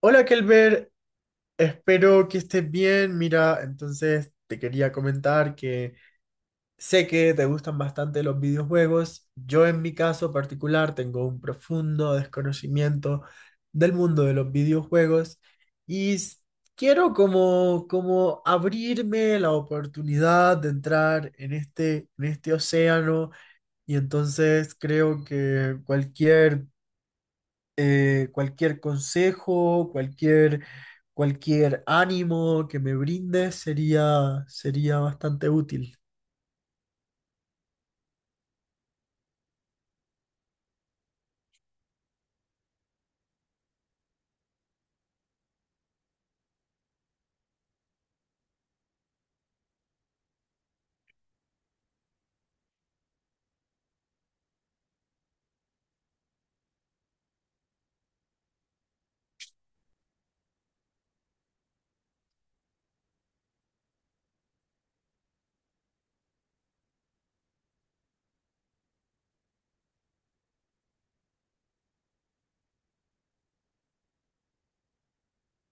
Hola Kelber, espero que estés bien. Mira, entonces te quería comentar que sé que te gustan bastante los videojuegos. Yo en mi caso particular tengo un profundo desconocimiento del mundo de los videojuegos y quiero como abrirme la oportunidad de entrar en este océano, y entonces creo que cualquier consejo, cualquier ánimo que me brindes sería bastante útil.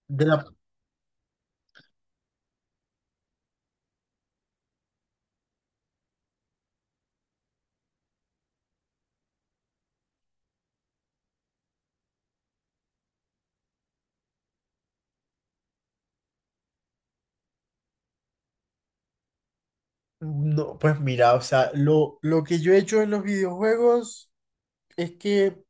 De la- no, pues mira, o sea, lo que yo he hecho en los videojuegos es que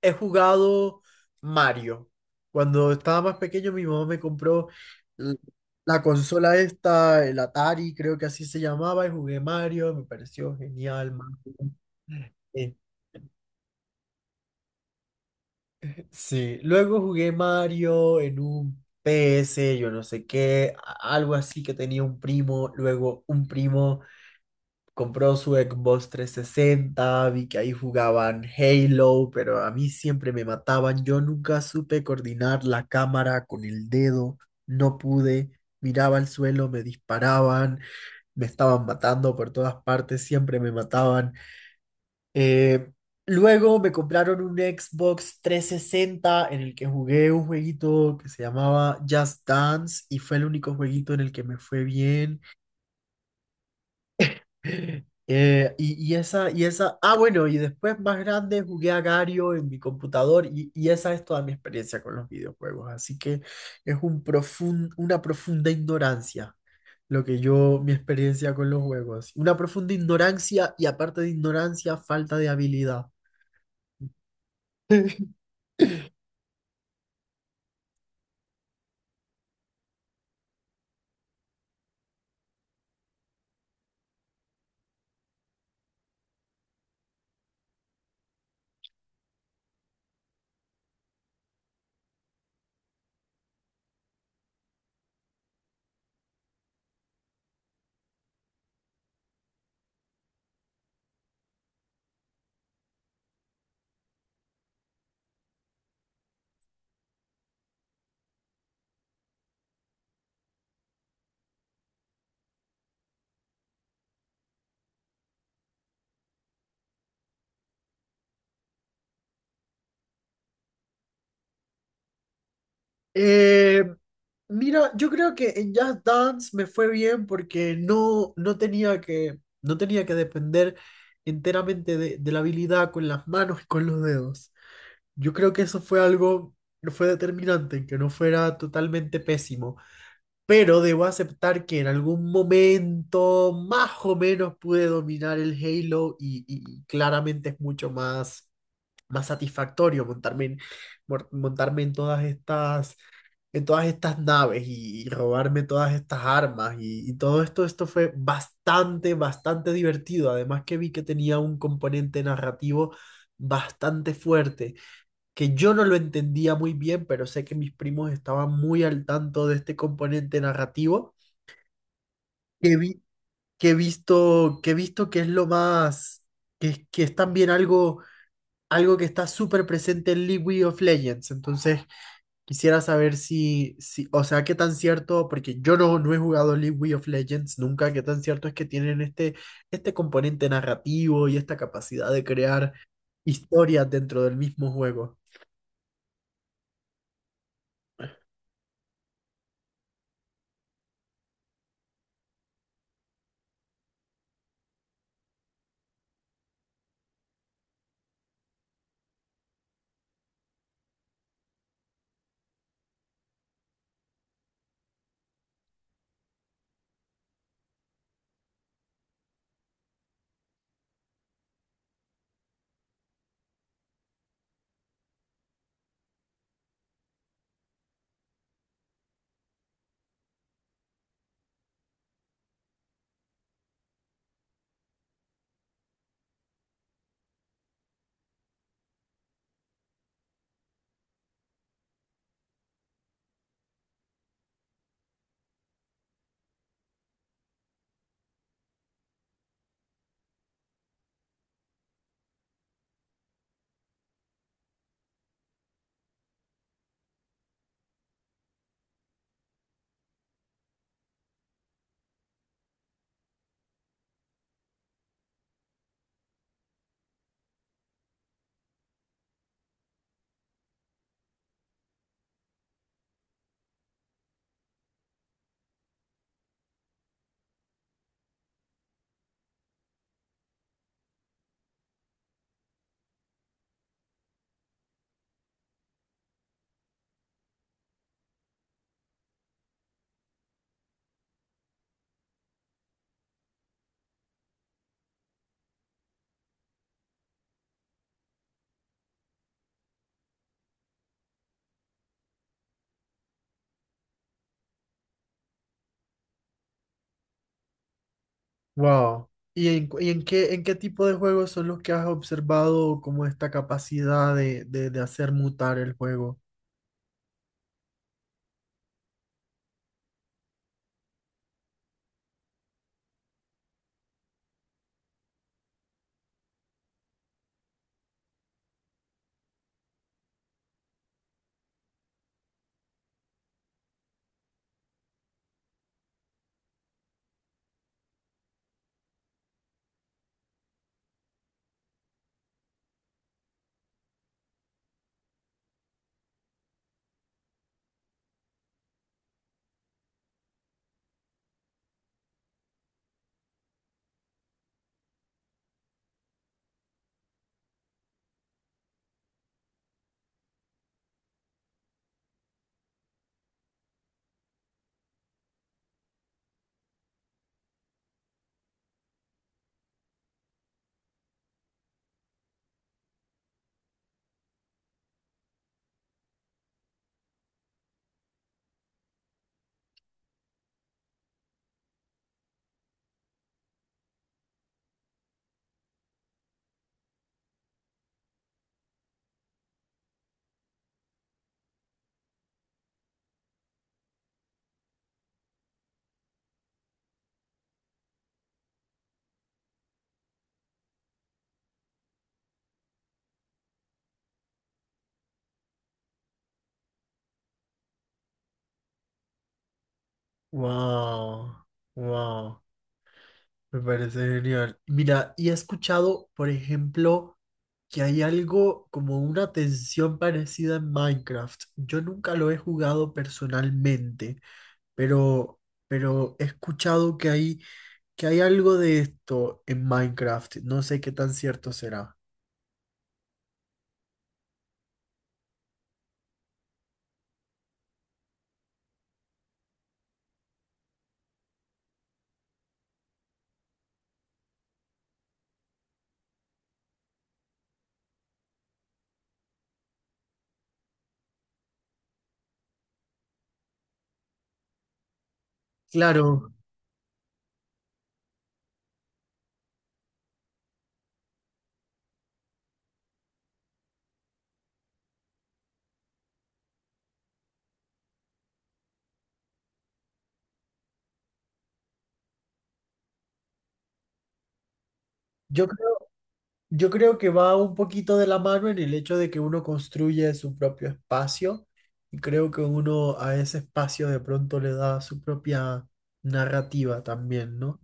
he jugado Mario. Cuando estaba más pequeño, mi mamá me compró l- la consola esta, el Atari, creo que así se llamaba, y jugué Mario, me pareció genial, Mario. Sí, luego jugué Mario en un PS, yo no sé qué, algo así que tenía un primo. Luego un primo compró su Xbox 360, vi que ahí jugaban Halo, pero a mí siempre me mataban, yo nunca supe coordinar la cámara con el dedo, no pude, miraba al suelo, me disparaban, me estaban matando por todas partes, siempre me mataban. Eh, Luego me compraron un Xbox 360 en el que jugué un jueguito que se llamaba Just Dance, y fue el único jueguito en el que me fue bien. Ah, bueno, y después más grande jugué a Gario en mi computador, esa es toda mi experiencia con los videojuegos. Así que es una profunda ignorancia mi experiencia con los juegos. Una profunda ignorancia y, aparte de ignorancia, falta de habilidad. Eh, Mira, yo creo que en Just Dance me fue bien porque no tenía que depender enteramente de la habilidad con las manos y con los dedos. Yo creo que eso fue algo, fue determinante, que no fuera totalmente pésimo. Pero debo aceptar que en algún momento más o menos pude dominar el Halo, claramente es mucho más satisfactorio montarme en todas estas naves, robarme todas estas armas, todo esto fue bastante, bastante divertido. Además, que vi que tenía un componente narrativo bastante fuerte, que yo no lo entendía muy bien, pero sé que mis primos estaban muy al tanto de este componente narrativo, que vi- que he visto, que he visto que es lo más, que es también algo, que está súper presente en League of Legends. Entonces, quisiera saber si, o sea, qué tan cierto, porque yo no he jugado League of Legends nunca, qué tan cierto es que tienen este componente narrativo y esta capacidad de crear historias dentro del mismo juego. Wow. ¿Y en, cu- y en qué tipo de juegos son los que has observado como esta capacidad de hacer mutar el juego? Wow. Wow. Me parece genial. Mira, y he escuchado, por ejemplo, que hay algo como una tensión parecida en Minecraft. Yo nunca lo he jugado personalmente, pero, pero, he escuchado que hay algo de esto en Minecraft. No sé qué tan cierto será. Claro, yo Yo creo que va un poquito de la mano en el hecho de que uno construye su propio espacio, y creo que uno a ese espacio de pronto le da su propia narrativa también, ¿no?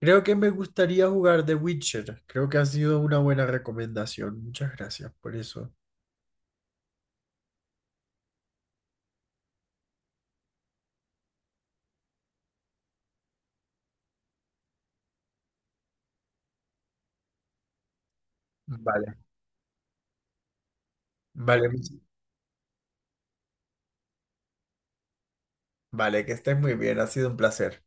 Creo que me gustaría jugar The Witcher. Creo que ha sido una buena recomendación. Muchas gracias por eso. Vale. Vale, vale, que estés muy bien. Ha sido un placer.